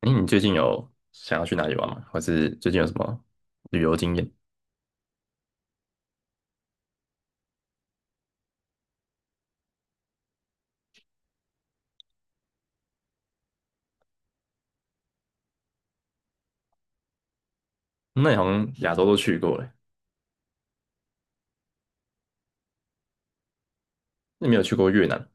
哎，你最近有想要去哪里玩吗？或是最近有什么旅游经验？那你好像亚洲都去过了，那没有去过越南。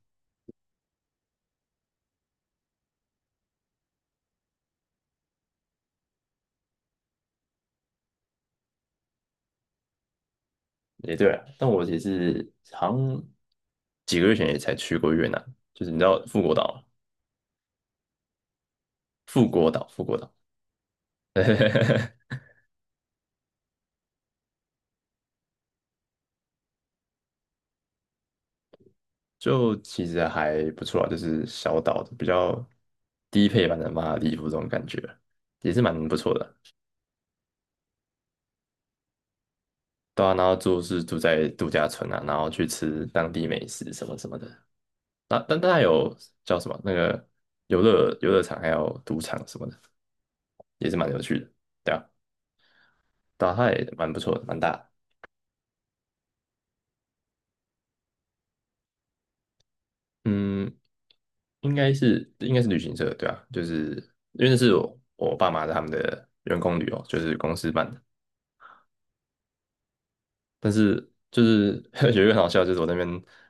也对啊，但我也是好像几个月前也才去过越南，就是你知道富国岛吗？富国岛，富国岛，就其实还不错啊，就是小岛的比较低配版的马尔代夫这种感觉，也是蛮不错的。对啊，然后住是住在度假村啊，然后去吃当地美食什么什么的。那但大还有叫什么那个游乐场，还有赌场什么的，也是蛮有趣的。对啊，对啊，它也蛮不错的，蛮大的。嗯，应该是旅行社，对啊，就是因为那是我爸妈他们的员工旅游，就是公司办的。但是就是 有一个很好笑，就是我那边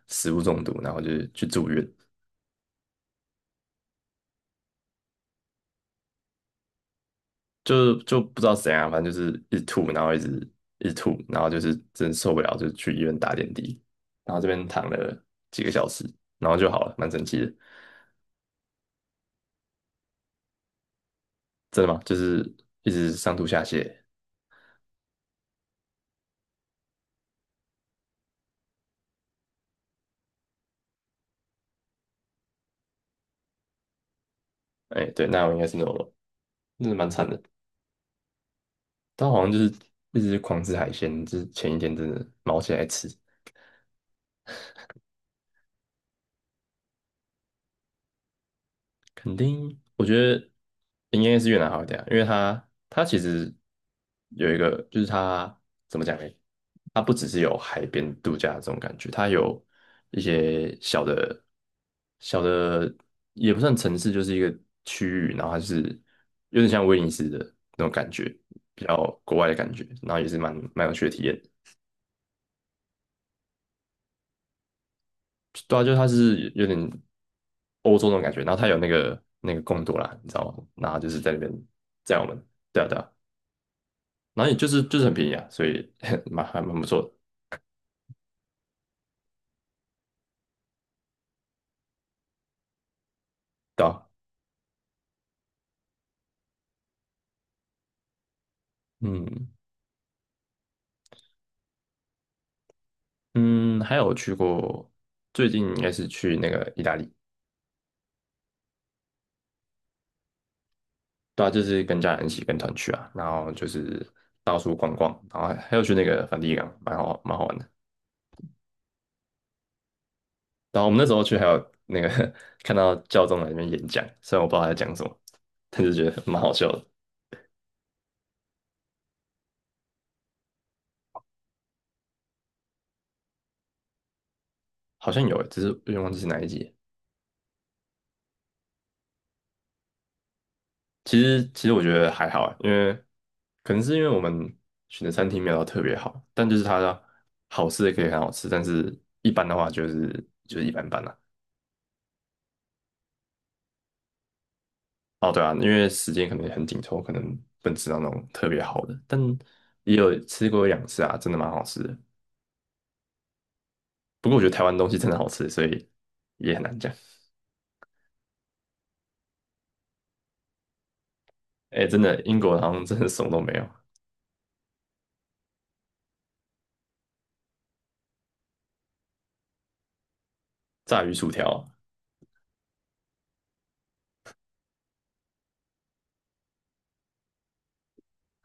食物中毒，然后就是去住院。就不知道怎样，反正就是一直吐，然后一直吐，然后就是真受不了，就去医院打点滴，然后这边躺了几个小时，然后就好了，蛮神奇的。真的吗？就是一直上吐下泻，哎，对，那我应该是 no 了，真的蛮惨的。他好像就是一直狂吃海鲜，就是前一天真的毛起来吃，肯定，我觉得应该是越南好一点啊，因为它其实有一个，就是它怎么讲呢？它不只是有海边度假这种感觉，它有一些小的小的也不算城市，就是一个区域，然后它就是有点像威尼斯的那种感觉，比较国外的感觉，然后也是蛮有趣的体验。对啊，就是它是有点欧洲那种感觉，然后它有那个贡多啦，你知道吗？然后就是在那边载我们，对啊对啊，然后也就是很便宜啊，所以 还蛮不错的，对啊，嗯嗯，还有去过，最近应该是去那个意大利，对啊，就是跟家人一起跟团去啊，然后就是到处逛逛，然后还有去那个梵蒂冈，蛮好玩的。然后我们那时候去还有那个 看到教宗在那边演讲，虽然我不知道他在讲什么，但是觉得蛮好笑的。好像有欸，只是有点忘记是哪一集。其实我觉得还好欸，因为可能是因为我们选的餐厅没有到特别好，但就是它的好吃的可以很好吃，但是一般的话就是一般般啦。哦，对啊，因为时间可能也很紧凑，可能不能吃到那种特别好的，但也有吃过一两次啊，真的蛮好吃的。不过我觉得台湾东西真的好吃，所以也很难讲。哎，真的，英国好像真的什么都没有，炸鱼薯条啊，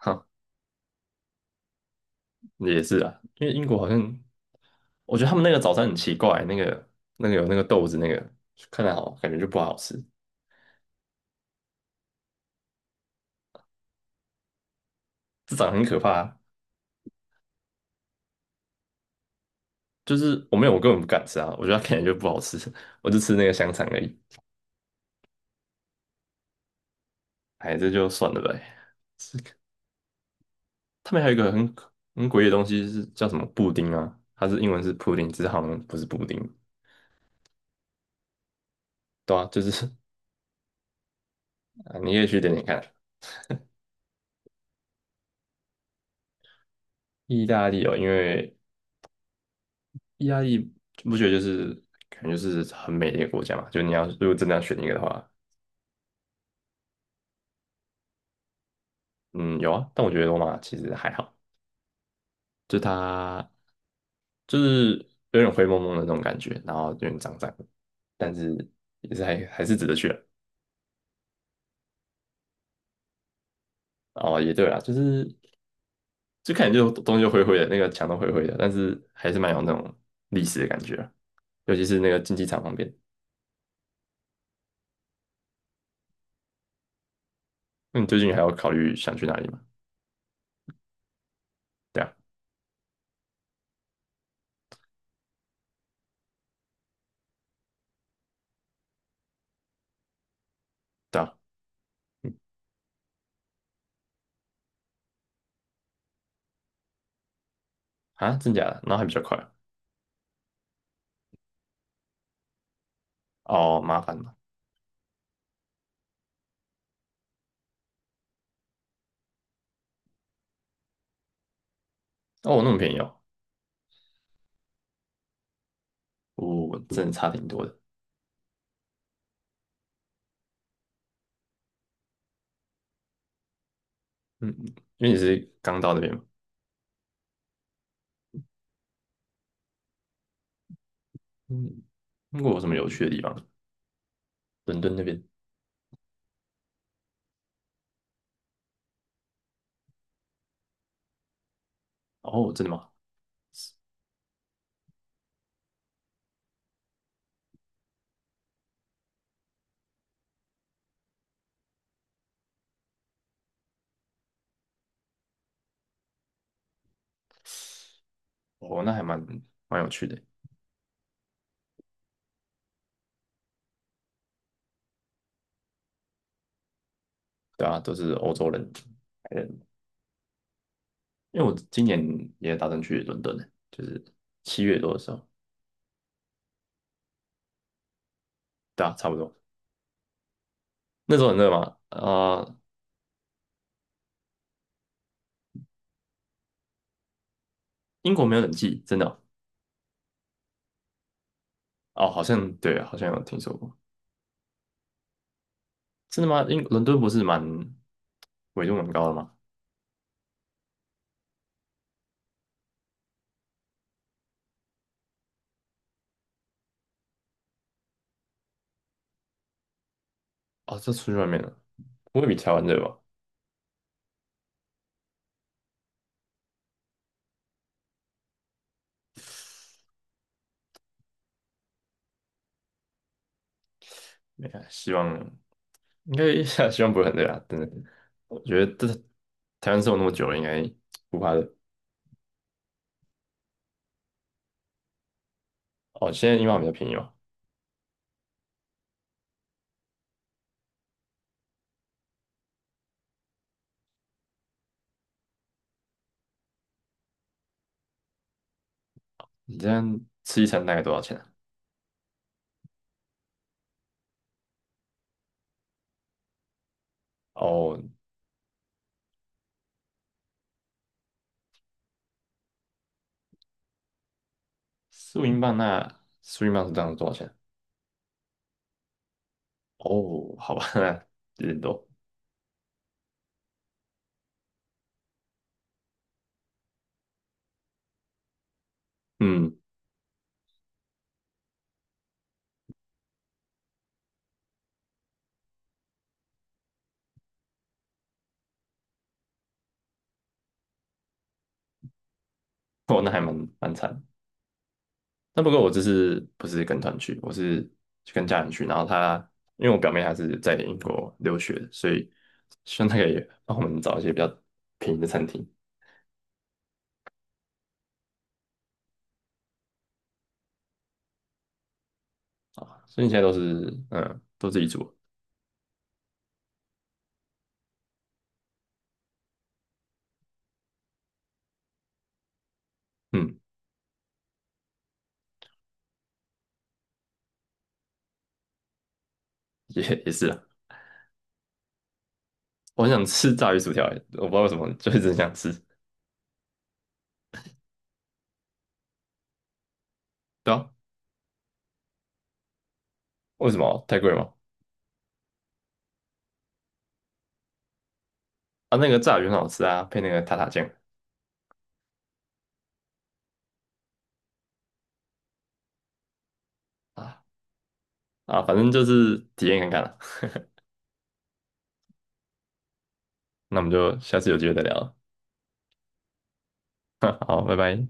哈，也是啊，因为英国好像，我觉得他们那个早餐很奇怪，那个有那个豆子，那个看着好，感觉就不好吃，这长得很可怕。就是我没有，我根本不敢吃啊，我觉得它看起就不好吃，我就吃那个香肠而已。哎，这就算了呗。是他们还有一个很诡异的东西是叫什么布丁啊？它是英文是 pudding，只是好像不是布丁，对啊，就是 啊，你可以去点点看。意大利哦，因为意大利不觉得就是感觉就是很美的一个国家嘛？就你要如果真的要选一个的话，嗯，有啊，但我觉得罗马其实还好，就它就是有点灰蒙蒙的那种感觉，然后有点脏脏的，但是也是还是值得去的。哦，也对啊，就是看起来就东西就灰灰的，那个墙都灰灰的，但是还是蛮有那种历史的感觉啊，尤其是那个竞技场旁边。那你最近还有考虑想去哪里吗？对啊，对啊，啊，真假的？然后还比较快啊。哦，麻烦嘛。哦，那么便宜哦，真的差挺多的。嗯，因为你是刚到那边嘛。嗯，英国有什么有趣的地方？伦敦那边？哦，真的吗？哦，那还蛮有趣的。对啊，都是欧洲人。白人，因为我今年也打算去伦敦的，就是7月多的时候。对啊，差不多。那时候很热吗？英国没有冷气，真的哦。哦，好像对啊，好像有听说过。真的吗？英伦敦不是蛮纬度蛮高的吗？哦，这出去外面了，不会比台湾热吧？没看，希望应该 希望不会很累啊，真的。我觉得这台湾生活那么久了，应该不怕累。哦，现在英镑比较便宜嘛，你这样吃一餐大概多少钱啊？哦，四五英镑，那四五英镑是这样多少钱？哦，好吧，那有点多。嗯，哦，那还蛮惨。那不过我这次不是跟团去，我是去跟家人去。然后因为我表妹还是在英国留学的，所以希望她可以帮我们找一些比较便宜的餐厅。所以你现在都是嗯，都自己煮，嗯，也是啊。我很想吃炸鱼薯条欸，我不知道为什么，就是直很想吃。对啊，为什么？太贵吗？啊，那个炸鱼很好吃啊，配那个塔塔酱啊，啊，反正就是体验看看了。那我们就下次有机会再聊了，好，拜拜。